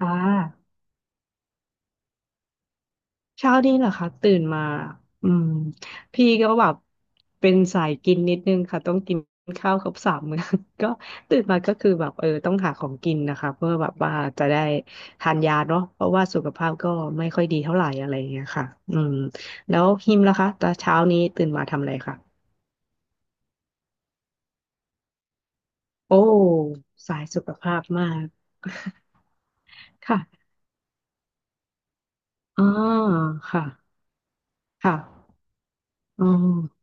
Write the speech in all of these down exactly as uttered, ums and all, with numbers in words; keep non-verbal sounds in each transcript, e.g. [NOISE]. อ่าเช้านี้เหรอคะตื่นมาอืมพี่ก็แบบเป็นสายกินนิดนึงค่ะต้องกินข้าวครบสามมื้อ [LAUGHS] ก็ตื่นมาก็คือแบบเออต้องหาของกินนะคะเพื่อแบบว่าจะได้ทานยาเนาะเพราะว่าสุขภาพก็ไม่ค่อยดีเท่าไหร่อะไรอย่างเงี้ยค่ะอืมแล้วฮิมล่ะคะตอนเช้านี้ตื่นมาทำอะไรคะโอ้สายสุขภาพมาก [LAUGHS] ค่ะอ๋อค่ะค่ะอ๋อ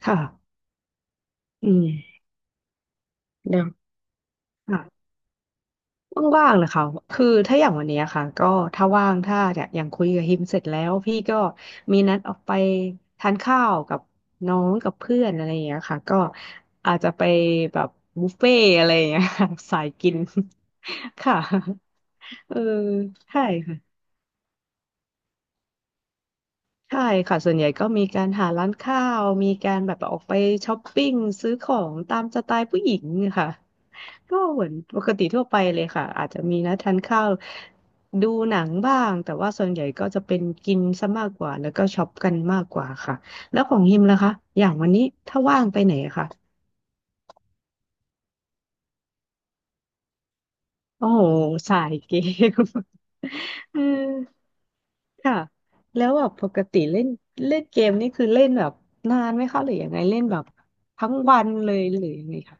ค่ะอืมเดี๋ยว ว่างๆนะคะคือถ้าอย่างวันเนี้ยค่ะก็ถ้าว่างถ้าเนี่ยอย่างคุยกับฮิมเสร็จแล้วพี่ก็มีนัดออกไปทานข้าวกับน้องกับเพื่อนอะไรอย่างเงี้ยค่ะก็อาจจะไปแบบบุฟเฟ่ต์อะไรอย่างเงี้ยค่ะ [LAUGHS] สายกิน [LAUGHS] ค่ะเออใช่ค่ะใช่ค่ะส่วนใหญ่ก็มีการหาร้านข้าวมีการแบบออกไปช้อปปิ้งซื้อของตามสไตล์ผู้หญิงค่ะ ก็เหมือนปกติทั่วไปเลยค่ะอาจจะมีนะทานข้าวดูหนังบ้างแต่ว่าส่วนใหญ่ก็จะเป็นกินซะมากกว่าแล้วก็ช็อปกันมากกว่าค่ะแล้วของฮิมล่ะคะอย่างวันนี้ถ้าว่างไปไหนอะคะโอ้โหสายเกม [LAUGHS] เออค่ะแล้วแบบปกติเล่นเล่นเกมนี่คือเล่นแบบนานไหมคะหรือยังไงเล่นแบบทั้งวันเลยหรือยังไงคะ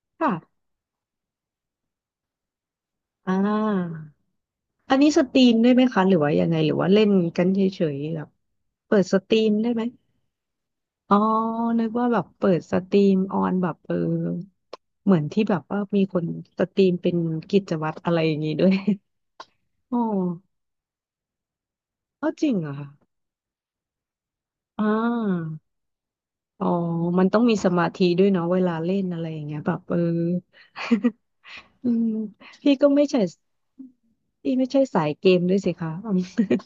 [LAUGHS] ค่ะอ่า อันนี้สตรีมได้ไหมคะหรือว่ายังไงหรือว่าเล่นกันเฉยๆแบบเปิดสตรีมได้ไหมอ๋อนึกว่าแบบเปิดสตรีมออนแบบเออเหมือนที่แบบว่ามีคนสตรีมเป็นกิจวัตรอะไรอย่างนี้ด้วย [LAUGHS] อ๋อเอาจริงเหรอคะอ่าอ๋อมันต้องมีสมาธิด้วยเนาะเวลาเล่นอะไรอย่างเงี้ยแบบเออ [LAUGHS] อืมพี่ก็ไม่ใช่พี่ไม่ใช่สายเกมด้วยสิคะอืม [LAUGHS]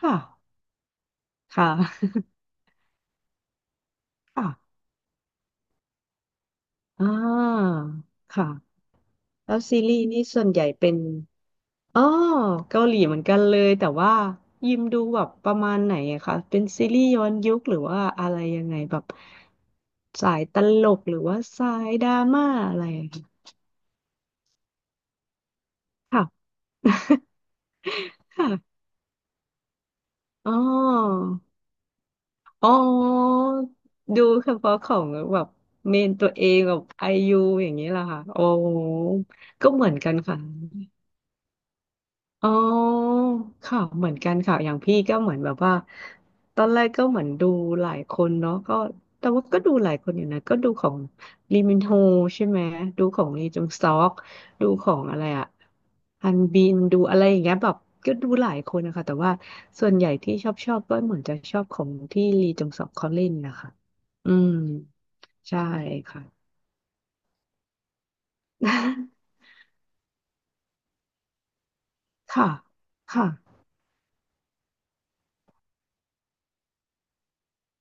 ค่ะค่ะ [LAUGHS] ค่ะ อ่าค่ะแล้วซีรีส์นี่ส่วนใหญ่เป็นอ๋อเกาหลีเหมือนกันเลยแต่ว่ายิมดูแบบประมาณไหนอะคะเป็นซีรีส์ย้อนยุคหรือว่าอะไรยังไงแบบสายตลกหรือว่าสายดราม่าอะไรอะค่ะ [LAUGHS] ค่ะ [LAUGHS] อ๋ออ๋อดูเฉพาะของแบบเมนตัวเองแบบไอยูอย่างนี้แหละค่ะโอ้ก็เหมือนกันค่ะ อ๋อค่ะเหมือนกันค่ะ อย่างพี่ก็เหมือนแบบว่า ตอนแรกก็เหมือนดูหลายคนเนาะก็แต่ว่าก็ดูหลายคนอยู่นะก็ดูของลีมินโฮใช่ไหมดูของลีจงซอกดูของอะไรอะฮันบินดูอะไรอย่างเงี้ยแบบก็ดูหลายคนนะคะแต่ว่าส่วนใหญ่ที่ชอบชอบก็เหมือนจะชอบของที่ลีจงซอกเขาเล่นนะคะอืมใช่ค่ะ [LAUGHS] ค่ะค่ะ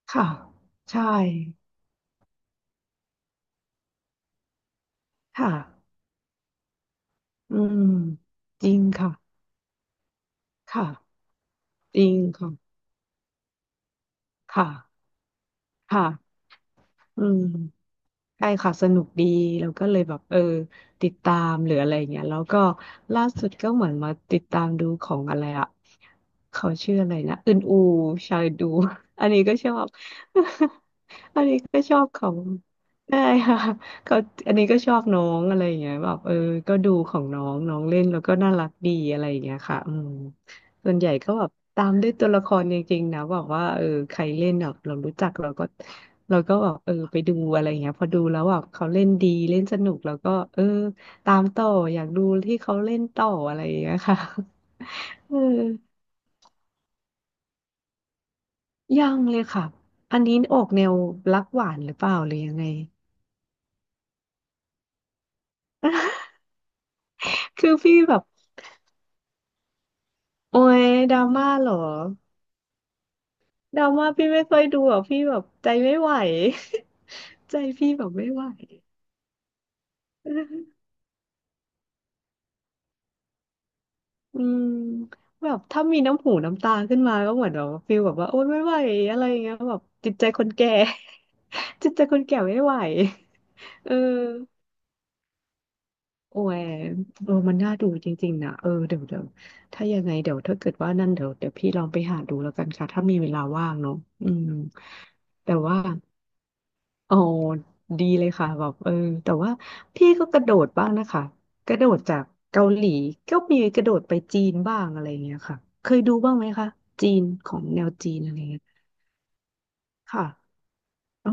ค่ะใช่ค่ะ อืมจริงค่ะค่ะจริงค่ะค่ะค่ะอืมใช่ค่ะสนุกดีแล้วก็เลยแบบเออติดตามหรืออะไรอย่างเงี้ยแล้วก็ล่าสุดก็เหมือนมาติดตามดูของอะไรอะเขาชื่ออะไรนะอึนอูชายดู [LAUGHS] อันนี้ก็ชอบ [LAUGHS] อันนี้ก็ชอบของได้ค่ะเขาอันนี้ก็ชอบน้องอะไรอย่างเงี้ยแบบเออก็ดูของน้องน้องเล่นแล้วก็น่ารักดีอะไรอย่างเงี้ยค่ะอืม ส่วนใหญ่ก็แบบตามด้วยตัวละครจริงๆนะบอกว่าเออใครเล่นแบบเรารู้จักเราก็เราก็แบบเออไปดูอะไรอย่างเงี้ยพอดูแล้วแบบเขาเล่นดีเล่นสนุกแล้วก็เออตามต่ออยากดูที่เขาเล่นต่ออะไรอย่างเงี้ยค่ะ [LAUGHS] เออยังเลยค่ะอันนี้ออกแนวรักหวานหรือเปล่าหรือยังไง [LAUGHS] คือพี่แบบโอ้ยดราม่าเหรอดราม่าพี่ไม่ค่อยดูอ่ะพี่แบบใจไม่ไหว [LAUGHS] ใจพี่แบบไม่ไหว อืมแบบถ้ามีน้ำหูน้ำตาขึ้นมาก็เหมือนแบบฟิลแบบว่าโอ๊ยไม่ไหวอะไรอย่างเงี้ยแบบจิตใจคนแก่ [LAUGHS] จิตใจคนแก่ไม่ไหวเออโอ้ยเออมันน่าดูจริงๆนะเออเดี๋ยวเดี๋ยวถ้ายังไงเดี๋ยวถ้าเกิดว่านั่นเดี๋ยวเดี๋ยวพี่ลองไปหาดูแล้วกันค่ะถ้ามีเวลาว่างเนาะอืมแต่ว่า โอ้ดีเลยค่ะแบบเออแต่ว่าพี่ก็กระโดดบ้างนะคะกระโดดจากเกาหลีก็มีกระโดดไปจีนบ้างอะไรเงี้ยค่ะเคยดูบ้างไหมคะจีนของแนวจีนอะไรเงี้ยค่ะ อ๋อ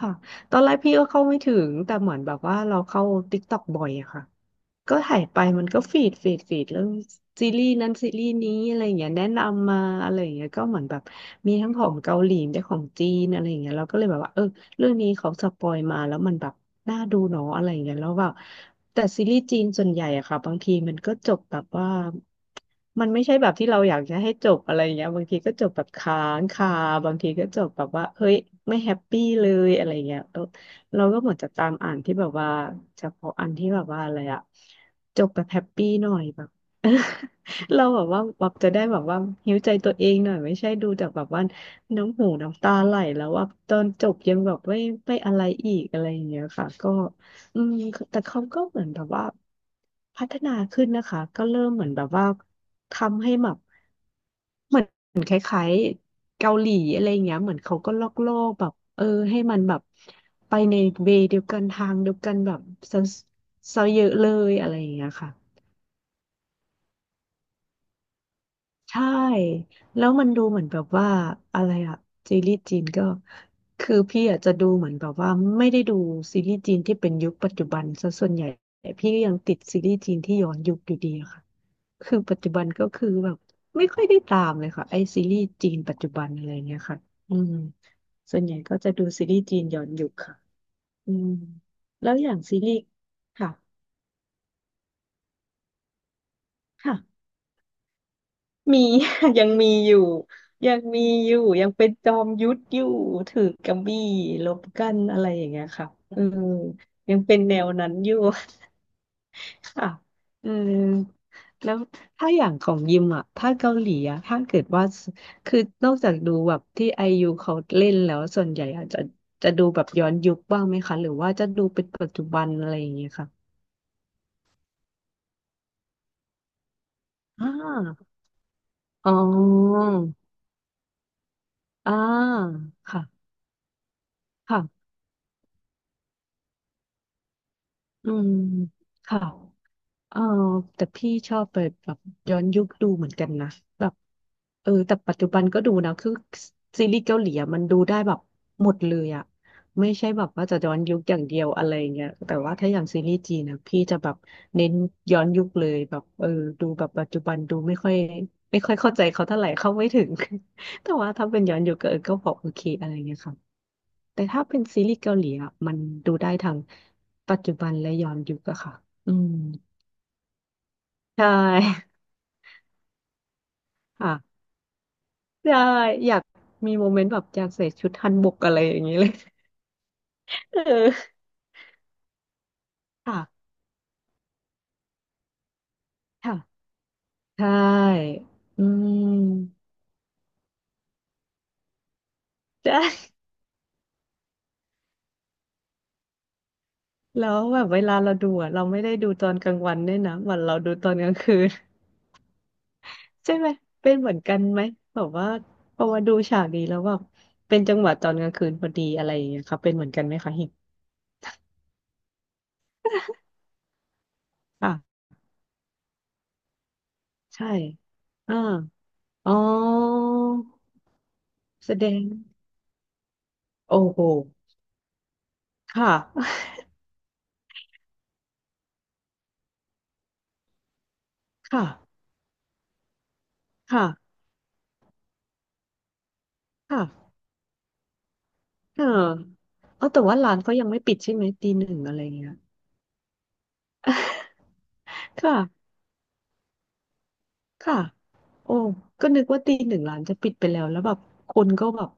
ค่ะตอนแรกพี่ก็เข้าไม่ถึงแต่เหมือนแบบว่าเราเข้า ติ๊กต็อก บ่อยอะค่ะก็ถ่ายไปมันก็ฟีดฟีดฟีดเรื่องซีรีส์นั้นซีรีส์นี้อะไรอย่างเงี้ยแนะนำมาอะไรอย่างเงี้ยก็เหมือนแบบมีทั้งของเกาหลีได้ของจีนอะไรอย่างเงี้ยเราก็เลยแบบว่าเออเรื่องนี้เขาสปอยมาแล้วมันแบบน่าดูเนาะอะไรอย่างเงี้ยแล้วแบบแต่ซีรีส์จีนส่วนใหญ่อะค่ะบางทีมันก็จบแบบว่า มันไม่ใช่แบบที่เราอยากจะให้จบอะไรอย่างเงี้ยบางทีก็จบแบบค้างคาบางทีก็จบแบบว่าเฮ้ยไม่แฮปปี้เลยอะไรเงี้ยเออเราก็เหมือนจะตามอ่านที่แบบว่าเฉพาะอันที่แบบว่าอะไรอะจบแบบแฮปปี้หน่อยแบบ [LAUGHS] เราแบบว่าแบบจะได้แบบว่าหิวใจตัวเองหน่อยไม่ใช่ดูจากแบบว่าน้ำหูน้ำตาไหลแล้วว่าตอนจบยังแบบไม่ไม่อะไรอีกอะไรอย่างเงี้ยค่ะก็ อืมแต่เขาก็เหมือนแบบว่าพัฒนาขึ้นนะคะก็เริ่มเหมือนแบบว่าทำให้แบบเหมือนเกาหลีอะไรเงี้ยเหมือนเขาก็ลอกโลกแบบเออให้มันแบบไปในเวย์เดียวกันทางเดียวกันแบบซะซะเยอะเลยอะไรอย่างเงี้ยค่ะใช่แล้วมันดูเหมือนแบบว่าอะไรอะซีรีส์จีนก็คือพี่อาจจะดูเหมือนแบบว่าไม่ได้ดูซีรีส์จีนที่เป็นยุคปัจจุบันซะส่วนใหญ่พี่ก็ยังติดซีรีส์จีนที่ย้อนยุคอยู่ดีอะค่ะ คือปัจจุบันก็คือแบบไม่ค่อยได้ตามเลยค่ะไอซีรีส์จีนปัจจุบันอะไรเงี้ยค่ะอืมส่วนใหญ่ก็จะดูซีรีส์จีนย้อนยุคค่ะอืมแล้วอย่างซีรีส์ค่ะค่ะมี [LAUGHS] ยังมีอยู่ยังมีอยู่ยังเป็นจอมยุทธอยู่ถือกำบี่รบกันอะไรอย่างเงี้ยค่ะเออยังเป็นแนวนั้นอยู่ ค่ะเออแล้วถ้าอย่างของยิมอ่ะ ถ้าเกาหลีอ่ะ ถ้าเกิดว่าสคือนอกจากดูแบบที่ไอยูเขาเล่นแล้วส่วนใหญ่อาจจะจะดูแบบย้อนยุคบ้างไหมคะ หรือว่าจะดูเป็นปัจจุบันอะไรอย่างเงี้ยค่ะอ่าอ๋ออ่าค่ะ ค่ะ อืมค่ะ เออแต่พี่ชอบไปแบบย้อนยุคดูเหมือนกันนะแบบเออแต่ปัจจุบันก็ดูนะคือซีรีส์เกาหลีอะมันดูได้แบบหมดเลยอะไม่ใช่แบบว่าจะย้อนยุคอย่างเดียวอะไรเงี้ยแต่ว่าถ้าอย่างซีรีส์จีนนะพี่จะแบบเน้นย้อนยุคเลยแบบเออดูแบบปัจจุบันดูไม่ค่อยไม่ค่อยเข้าใจเขาเท่าไหร่เข้าไม่ถึง [LAUGHS] แต่ว่าถ้าเป็นย้อนยุคก็เออก็พอโอเคอะไรเงี้ยค่ะแต่ถ้าเป็นซีรีส์เกาหลีอะมันดูได้ทั้งปัจจุบันและย้อนยุคอะค่ะอืม ใช่ [LAUGHS] ค่ะใช่อยากมีโมเมนต์แบบอยากใส่ชุดฮันบกอะไรอย่างนี้เลย [LAUGHS] เออค่ะค่ะใช่อืมใช่แล้วแบบเวลาเราดูอะเราไม่ได้ดูตอนกลางวันด้วยนะเหมือนเราดูตอนกลางคืน [LAUGHS] ใช่ไหมเป็นเหมือนกันไหมแบบว่าพอมาดูฉากนี้แล้วแบบเป็นจังหวะตอนกลางคืนพอดีอะไรอย่างเงี้ยค่ะเป็นเหมือนกันไหมคะเห็นค่ะใช่อ่าอ๋อแสดงโอ้โหค่ะ [LAUGHS] ค่ะ ค่ะ ค่ะเออเออแต่ว่าร้านเขายังไม่ปิดใช่ไหม ตีหนึ่งอะไรเงี้ย [LAUGHS] ค่ะ ค่ะ โอ้ ก็นึกว่าตีหนึ่งร้านจะปิดไปแล้ว แล้วแบบ คนก็แบบ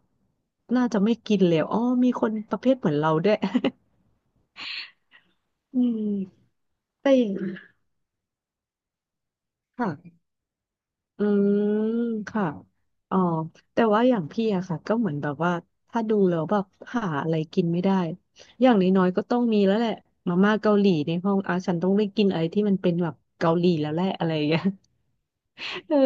น่าจะไม่กินแล้วอ๋อมีคนประเภทเหมือนเราด้วย [LAUGHS] อืมแต่อย่างค่ะ อืมค่ะอ๋อแต่ว่าอย่างพี่อะค่ะก็เหมือนแบบว่าถ้าดูแล้วแบบหาอะไรกินไม่ได้อย่างน้อยๆก็ต้องมีแล้วแหละมาม่าเกาหลีในห้องอ่ะฉันต้องได้กินอะไรที่มันเป็นแบบเกาหลีแล้วแหละอะไรอย่างเงี้ย [LAUGHS] เออ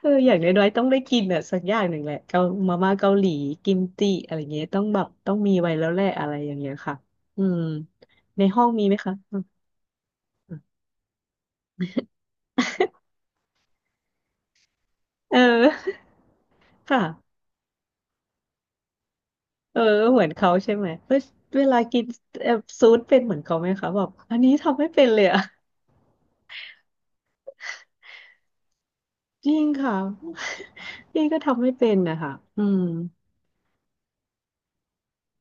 เอออย่างน้อยๆต้องได้กินอะสักอย่างหนึ่งแหละเกามาม่าเกาหลีกิมจิอะไรเงี้ยต้องแบบต้องมีไว้แล้วแหละอะไรอย่างเงี้ยค่ะอืมในห้องมีไหมคะอืมเออ [LAUGHS] ค่ะ เออเหมือนเขาใช่ไหมเอ้ยเวลากินเอ่อซูสเป็นเหมือนเขาไหมคะแบบอันนี้ทำไม่เป็นเลยอะ [LAUGHS] จริงค่ะ [LAUGHS] นี่ก็ทำไม่เป็นนะคะอืม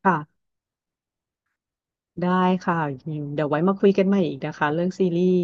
ค่ะได้ค่ะเดี๋ยวไว้มาคุยกันใหม่อีกนะคะเรื่องซีรีส์